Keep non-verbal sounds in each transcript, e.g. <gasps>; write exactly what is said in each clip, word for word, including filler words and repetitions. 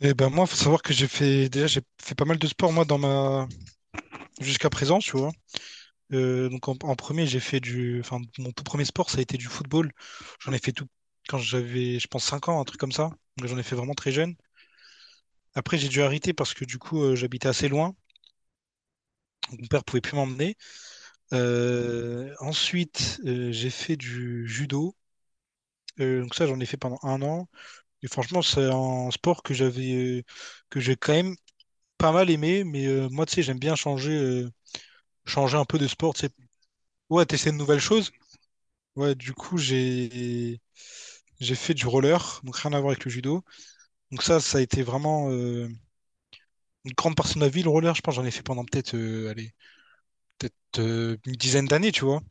Eh ben moi, faut savoir que j'ai fait déjà j'ai fait pas mal de sport moi dans ma jusqu'à présent, tu vois. Euh, donc en, en premier, j'ai fait du enfin mon tout premier sport, ça a été du football. J'en ai fait tout Quand j'avais je pense cinq ans, un truc comme ça. Donc, j'en ai fait vraiment très jeune. Après, j'ai dû arrêter parce que du coup, euh, j'habitais assez loin. Donc, mon père pouvait plus m'emmener. Euh, ensuite, euh, j'ai fait du judo. Euh, donc ça, j'en ai fait pendant un an. Et franchement, c'est un sport que j'avais euh, que j'ai quand même pas mal aimé. Mais euh, moi, tu sais, j'aime bien changer, euh, changer un peu de sport, tu sais. Ouais, t'essaies de nouvelles choses. Ouais, du coup, j'ai j'ai fait du roller, donc rien à voir avec le judo. Donc ça, ça a été vraiment euh, une grande partie de ma vie, le roller. Je pense que j'en ai fait pendant peut-être euh, allez, peut-être euh, une dizaine d'années, tu vois.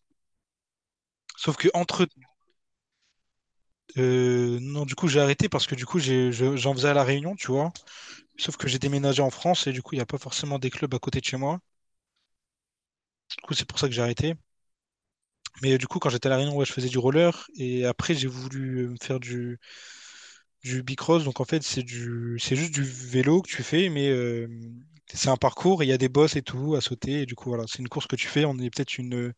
Sauf que entre euh, Non, du coup, j'ai arrêté parce que du coup, j'ai- je- j'en faisais à La Réunion, tu vois. Sauf que j'ai déménagé en France et du coup, il n'y a pas forcément des clubs à côté de chez moi. Du coup, c'est pour ça que j'ai arrêté. Mais euh, du coup, quand j'étais à La Réunion, ouais, je faisais du roller et après, j'ai voulu euh, me faire du du bicross. Donc en fait, c'est du, c'est juste du vélo que tu fais, mais euh, c'est un parcours, et il y a des bosses et tout à sauter. Et du coup, voilà, c'est une course que tu fais. On est peut-être une,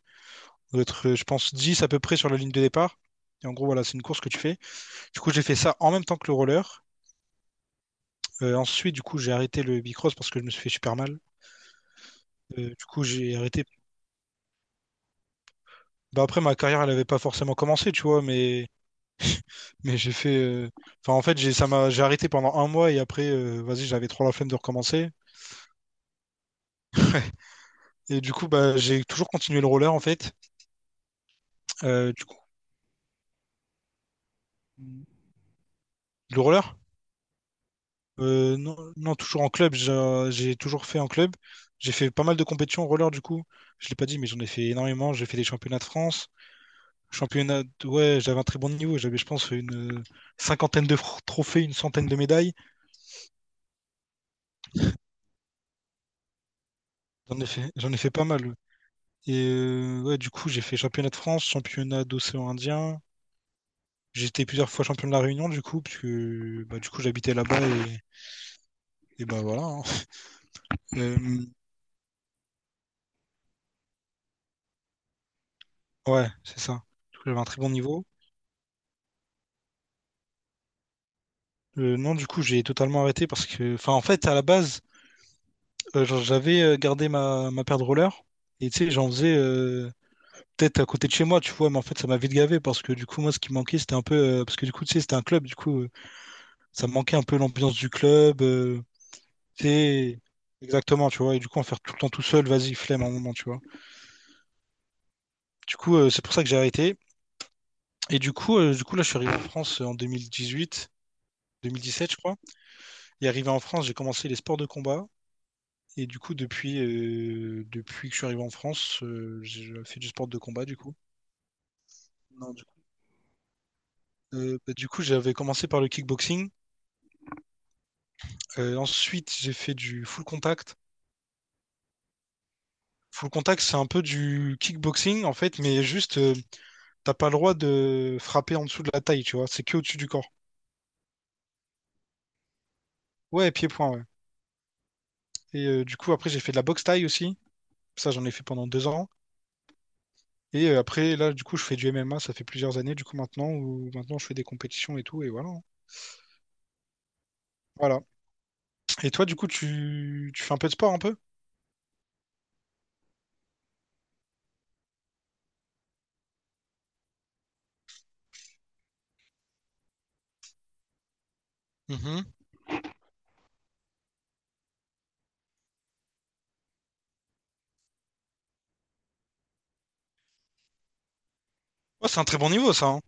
notre, Je pense, dix à peu près sur la ligne de départ. Et en gros, voilà, c'est une course que tu fais. Du coup, j'ai fait ça en même temps que le roller. Euh, ensuite, du coup, j'ai arrêté le bicross parce que je me suis fait super mal. Euh, du coup, j'ai arrêté. Bah, après, ma carrière, elle n'avait pas forcément commencé, tu vois, mais, mais j'ai fait. Euh, Enfin, en fait, j'ai ça m'a... j'ai arrêté pendant un mois et après, euh, vas-y, j'avais trop la flemme de recommencer. Et du coup, bah, j'ai toujours continué le roller en fait. Euh, du coup, le roller? Euh, non, non, toujours en club. J'ai j'ai toujours fait en club. J'ai fait pas mal de compétitions en roller du coup. Je l'ai pas dit, mais j'en ai fait énormément. J'ai fait des championnats de France. Championnat, de- ouais, j'avais un très bon niveau. J'avais, je pense, une euh, cinquantaine de fr- trophées, une centaine de médailles. J'en ai fait, j'en ai fait pas mal. Et euh, ouais, du coup, j'ai fait championnat de France, championnat d'océan Indien. J'ai été plusieurs fois champion de la Réunion, du coup, puisque bah, du coup, j'habitais là-bas et, et bah voilà, hein. <laughs> Euh, Ouais, c'est ça. Du coup, j'avais un très bon niveau. Euh, non, du coup, j'ai totalement arrêté parce que, enfin, en fait, à la base, euh, genre, j'avais euh, gardé ma, ma paire de rollers et tu sais, j'en faisais euh, peut-être à côté de chez moi, tu vois, mais en fait, ça m'a vite gavé parce que du coup, moi, ce qui me manquait, c'était un peu, euh, parce que du coup, tu sais, c'était un club, du coup, euh, ça me manquait un peu l'ambiance du club, euh, tu sais, exactement, tu vois, et du coup, en faire tout le temps tout seul, vas-y, flemme à un moment, tu vois. Du coup, euh, c'est pour ça que j'ai arrêté. Et du coup, euh, du coup, là, je suis arrivé en France euh, en deux mille dix-huit, deux mille dix-sept, je crois. Et arrivé en France, j'ai commencé les sports de combat. Et du coup, depuis, euh, depuis que je suis arrivé en France, euh, j'ai fait du sport de combat, du coup. Non, du coup, Euh, bah, du coup, j'avais commencé par le kickboxing. Euh, ensuite, j'ai fait du full contact. Full contact, c'est un peu du kickboxing, en fait, mais juste, euh, t'as pas le droit de frapper en dessous de la taille, tu vois. C'est que au-dessus du corps. Ouais, pied-point, ouais. Et euh, du coup, après, j'ai fait de la boxe taille aussi. Ça, j'en ai fait pendant deux ans. Et euh, après, là, du coup, je fais du M M A. Ça fait plusieurs années, du coup, maintenant, où maintenant, je fais des compétitions et tout. Et voilà, hein. Voilà. Et toi, du coup, tu, tu fais un peu de sport un peu? Mhm. Oh, c'est un très bon niveau, ça, hein.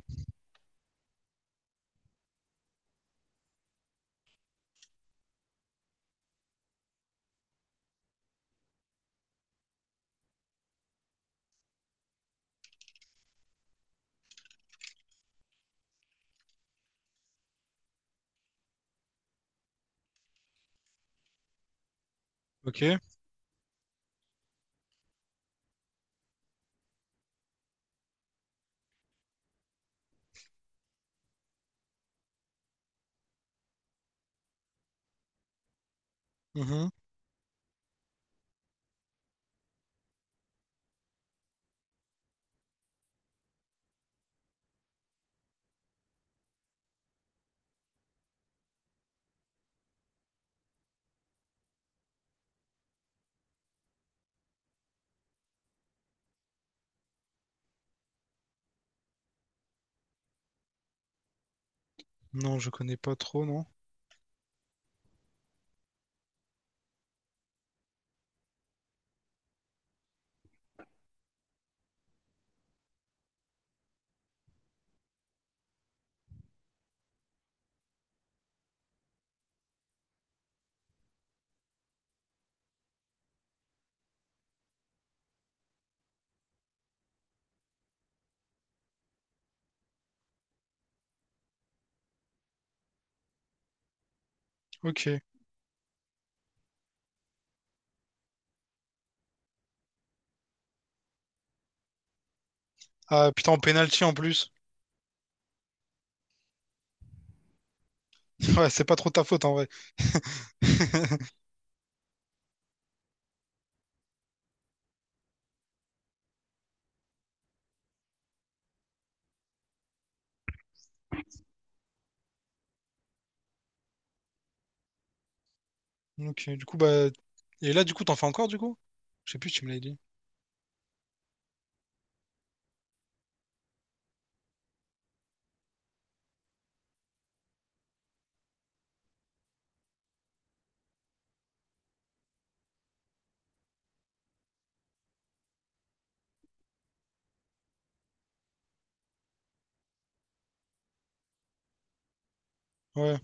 Ok. Mhm. Non, je connais pas trop, non. Ok. Ah putain, en penalty en plus. <laughs> Ouais, c'est pas trop ta faute en vrai. <laughs> Ok, du coup, bah. Et là, du coup, t'en fais encore, du coup? Je sais plus si tu me l'as dit. Ouais,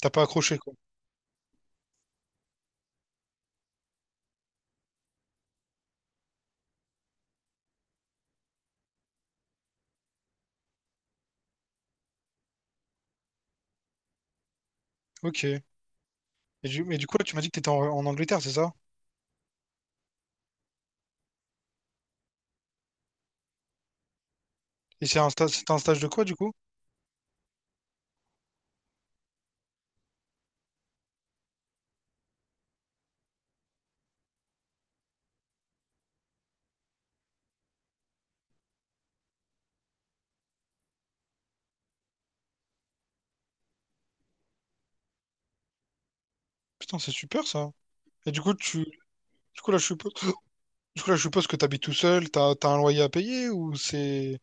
t'as pas accroché, quoi. Ok. Et du, mais du coup, là, tu m'as dit que t'étais en, en Angleterre, c'est ça? Et c'est un stage, c'était un stage de quoi, du coup? Putain, c'est super, ça. Et du coup, tu, du coup, là, je suppose, <gasps> du coup, là, je suppose que t'habites tout seul, t'as, t'as un loyer à payer ou c'est.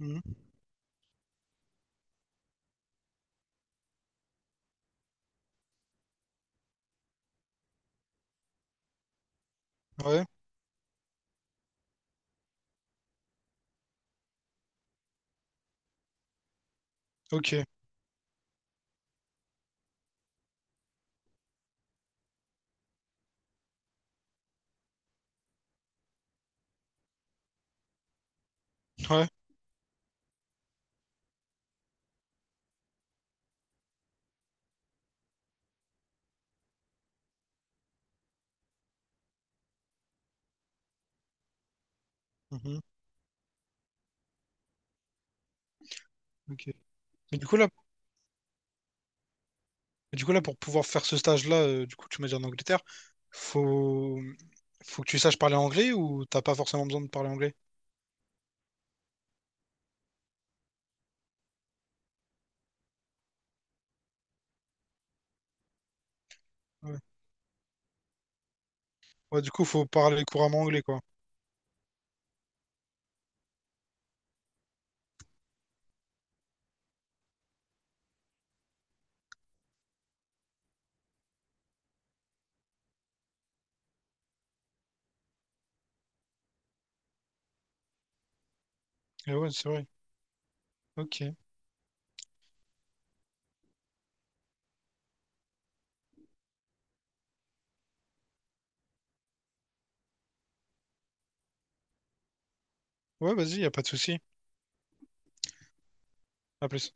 Mhm. Ouais, ok, ouais, mhm, ok. Mais du coup là, mais du coup là, pour pouvoir faire ce stage-là, euh, du coup tu m'as dit en Angleterre, faut, faut que tu saches parler anglais ou t'as pas forcément besoin de parler anglais? Ouais. Ouais, du coup faut parler couramment anglais quoi. Et ouais, c'est vrai. Ok. Ouais, vas-y, y a pas de souci. À plus.